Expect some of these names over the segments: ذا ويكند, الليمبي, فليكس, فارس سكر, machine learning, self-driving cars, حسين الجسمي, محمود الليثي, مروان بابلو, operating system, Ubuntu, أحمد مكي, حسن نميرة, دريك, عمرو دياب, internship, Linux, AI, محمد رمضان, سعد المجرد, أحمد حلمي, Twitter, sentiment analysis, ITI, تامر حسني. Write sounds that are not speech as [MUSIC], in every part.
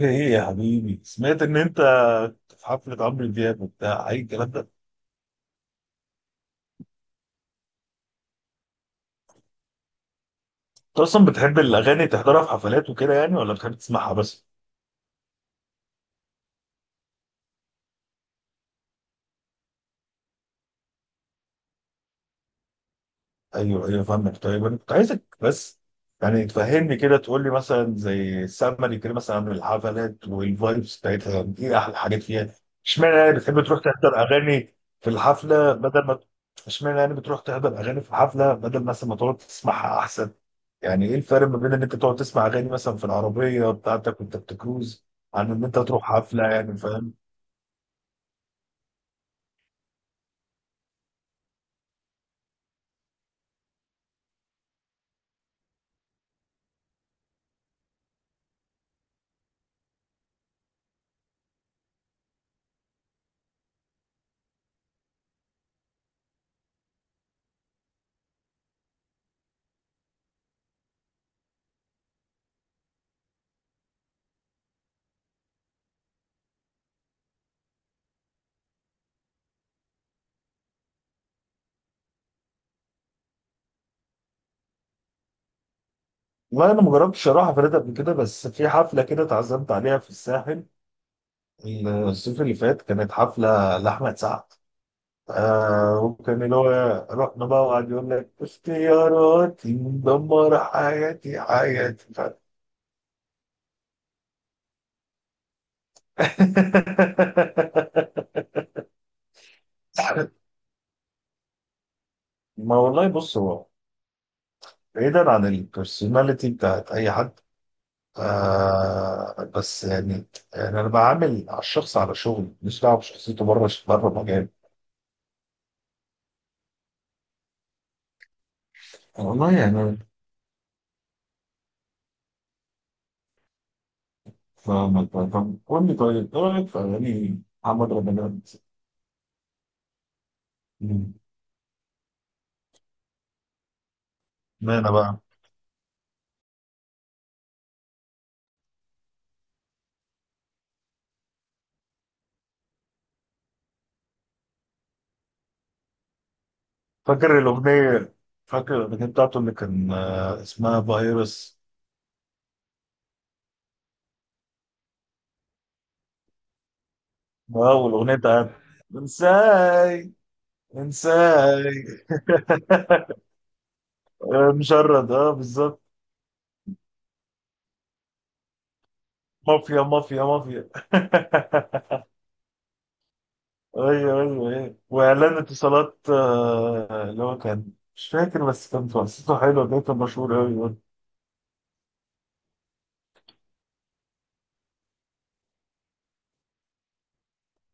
ايه، يا حبيبي سمعت ان انت في حفلة عمرو دياب وبتاع اي الكلام ده؟ انت اصلا بتحب الاغاني تحضرها في حفلات وكده يعني، ولا بتحب تسمعها بس؟ ايوه ايوه، فاهمك. طيب انا كنت عايزك بس يعني تفهمني كده، تقول لي مثلا زي سمري كده، مثلا عن الحفلات والفايبس بتاعتها، يعني ايه احلى حاجات فيها؟ اشمعنى يعني بتحب تروح تحضر اغاني في الحفله بدل ما. اشمعنى يعني بتروح تحضر اغاني في الحفله بدل مثلا ما تقعد تسمعها احسن؟ يعني ايه الفرق ما بين ان انت تقعد تسمع اغاني مثلا في العربيه بتاعتك وانت بتكروز، عن ان انت تروح حفله، يعني فاهم. والله انا ما جربتش اروح حفلات قبل كده، بس في حفله كده اتعزمت عليها في الساحل الصيف اللي فات، كانت حفلة لأحمد سعد. آه وكان اللي هو رحنا بقى وقعد يقول لك اختياراتي مدمرة حياتي حياتي [LAUGHS] ما والله، بص هو بعيدا عن البرسوناليتي بتاعت أي حد، آه بس يعني، يعني أنا بعامل على الشخص، على شغل، مش دعوة بشخصيته، بره بره مجال. والله يعني، فاهمك، فاهم. قول لي طيب، إيه رأيك في أغاني محمد رمضان؟ اشمعنى بقى؟ فاكر الأغنية فاكر الأغنية بتاعته اللي كان، اسمها فيروس. اه، والأغنية بتاعت انساي. انساي. [LAUGHS] آه، مشرد، اه بالظبط. مافيا مافيا مافيا [LAUGHS] ايوه. ايوه ايوه، واعلان اتصالات، اللي هو كان مش فاكر، بس كان قصته حلوه، ده كان مشهور قوي برضه.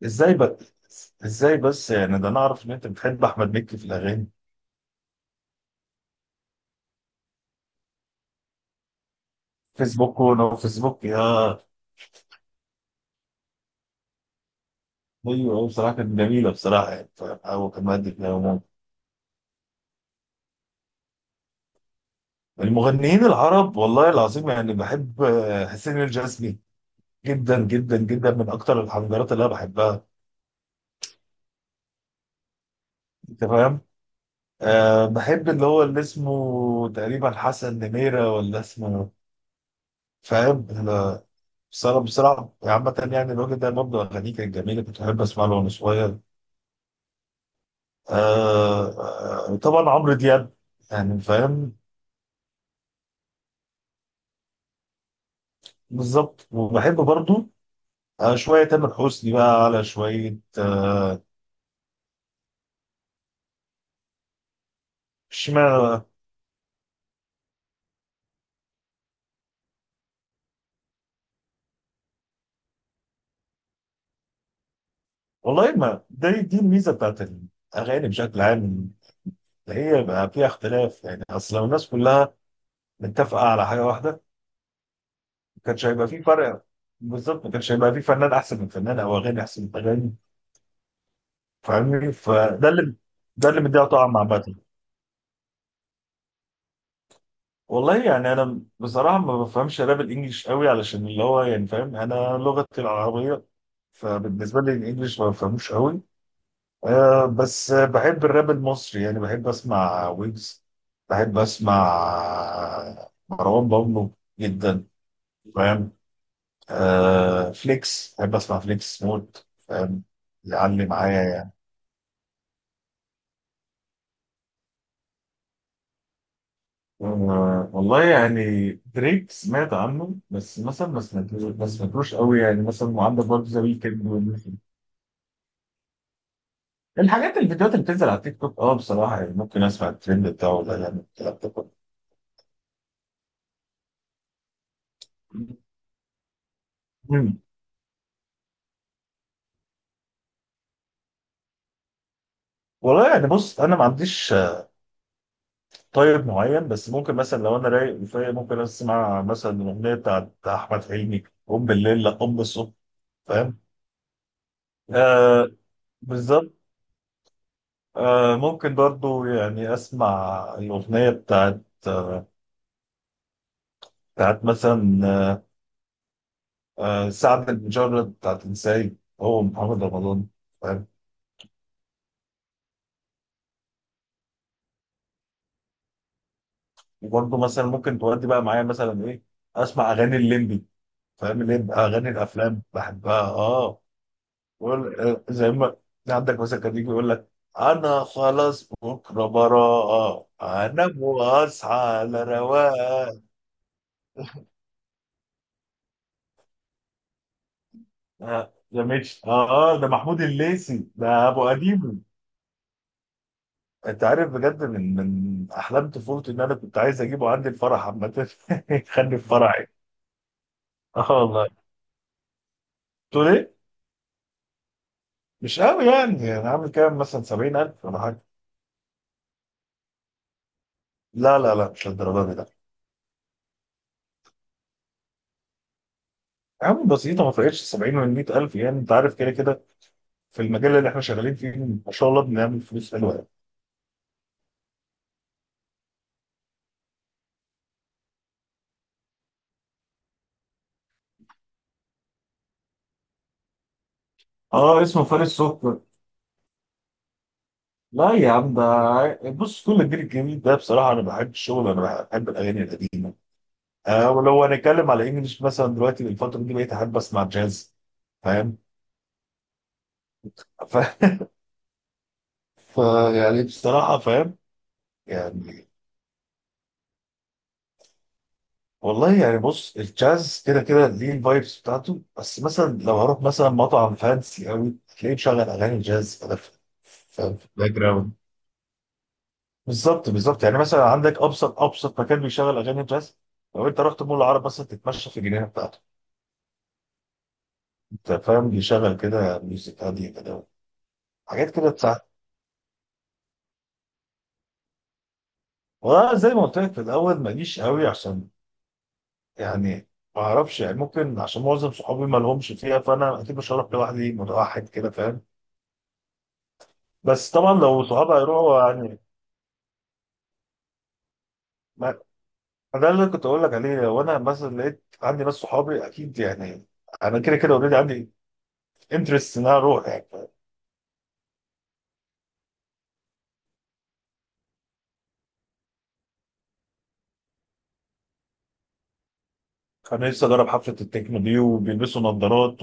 ازاي بس ازاي بس يعني، ده انا اعرف ان انت بتحب احمد مكي في الاغاني. فيسبوك ونو فيسبوك يا. ايوه، هو بصراحه كانت جميله بصراحه يعني. هو كان مادي في العموم. المغنيين العرب، والله العظيم يعني بحب حسين الجسمي جدا جدا جدا، من اكتر الحنجرات اللي انا بحبها، انت فاهم. أه، بحب اللي هو اللي اسمه تقريبا حسن نميرة ولا اسمه. فاهم. بصراحه عامه يعني، الراجل ده برضه اغانيه كانت جميله، كنت بحب اسمع له وانا صغير. أه آه، طبعا عمرو دياب، يعني فاهم. بالظبط. وبحب برضه شوية تامر حسني بقى، على شوية. اشمعنى بقى؟ والله، ما دي الميزة بتاعت الأغاني بشكل عام، إن هي بقى فيها اختلاف يعني. أصل لو الناس كلها متفقة على حاجة واحدة ما كانش هيبقى في فرق. بالظبط، ما كانش هيبقى في فنان أحسن من فنان، أو أغاني أحسن من أغاني، فاهمني؟ فده اللي مديها طعم عامة. والله يعني، أنا بصراحة ما بفهمش راب الإنجليش قوي، علشان اللي هو يعني، فاهم، أنا لغتي العربية. فبالنسبة لي الإنجليش ما بفهموش قوي. بس بحب الراب المصري يعني. بحب اسمع ويجز. بحب اسمع مروان بابلو جدا، فاهم. آه، فليكس. بحب اسمع فليكس موت، فاهم. يعلي معايا يعني. آه، والله يعني، دريك سمعت عنه، بس مثلا ما سمعتوش قوي يعني. مثلا عندك برضه ذا ويكند الحاجات، الفيديوهات اللي بتنزل على التيك توك. اه بصراحه يعني، ممكن اسمع الترند بتاعه ده، يعني الكلام ده كله. مم. والله يعني بص، انا ما عنديش طيب معين، بس ممكن مثلا لو انا رايق كفايه ممكن اسمع مثلا الاغنيه بتاعت احمد حلمي، قوم بالليل لا قوم بالصبح، فاهم. آه، بالظبط. آه، ممكن برضو يعني اسمع الاغنيه بتاعت بتاعت مثلا، سعد المجرد بتاعت انساي، هو محمد رمضان، فاهم. وبرضو مثلا ممكن تودي بقى معايا مثلا ايه، اسمع اغاني الليمبي، فاهم، اللي هي اغاني الافلام بحبها اه. يقول زي ما عندك مثلا، كان يجي يقول لك، انا خلاص بكره براءة انام واصحى على رواق. ده مش اه، اه ده محمود الليثي، ده ابو قديم. انت عارف بجد، من احلام طفولتي ان انا كنت عايز اجيبه عندي الفرح عامه [LAUGHS] يخلي في فرحي. [LAUGHS] اه والله، تقول ايه؟ مش قوي يعني، انا عامل كام مثلا، 70000 ولا حاجه؟ لا لا لا، مش للدرجه دي، لا. يا عم بسيطه، ما فرقتش 70 من 100000 يعني، انت عارف كده كده في المجال اللي احنا شغالين فيه، ما شاء الله، بنعمل فلوس حلوه يعني. اه، اسمه فارس سكر. لا يا عم، ده بص، كل الجيل الجديد ده بصراحه، انا بحب الشغل، انا بحب الاغاني القديمه. آه، ولو هنتكلم على انجلش مثلا دلوقتي، الفتره دي بقيت احب اسمع جاز، فاهم. ف... [LAUGHS] ف يعني بصراحه، فاهم، يعني. والله يعني بص، الجاز كده كده ليه الفايبس بتاعته، بس مثلا لو هروح مثلا مطعم فانسي قوي، تلاقيه مشغل اغاني جاز كده في في الباك جراوند. بالظبط بالظبط يعني، مثلا عندك ابسط ابسط مكان بيشغل اغاني جاز، لو انت رحت مول العرب مثلا تتمشى في الجنينه بتاعته، انت فاهم، بيشغل كده ميوزك هاديه كده، حاجات كده تساعد. وزي ما قلت لك في الاول ماليش قوي، عشان يعني ما اعرفش يعني، ممكن عشان معظم صحابي ما لهمش فيها، فانا اكيد مش هروح لوحدي متوحد كده، فاهم. بس طبعا لو صحابي هيروحوا يعني، ما ما ده اللي كنت اقول لك عليه، وانا مثلا لقيت عندي ناس صحابي اكيد يعني، انا كده كده اوريدي عندي انترست ان انا اروح يعني. كان لسه جرب حفلة التكنو دي وبيلبسوا نظارات،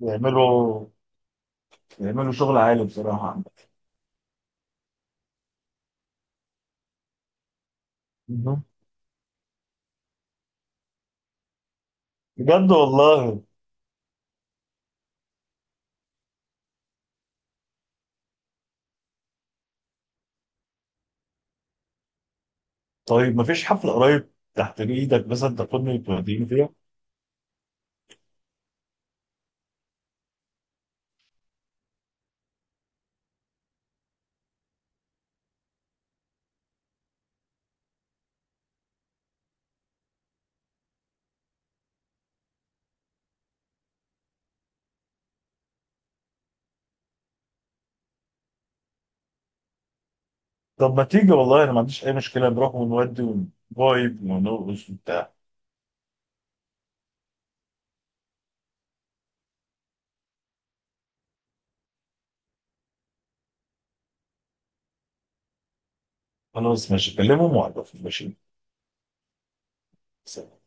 ويعملوا شغل عالي بصراحة. مهم. بجد والله. طيب مفيش حفلة قريب تحت ايدك مثلا تاخدني وتوديني فيها؟ طب ما تيجي، والله انا ما عنديش اي مشكلة، نروح ونودي ونفايب ونرقص وبتاع. خلاص ماشي، كلمهم وعرفني، ماشي. سلام.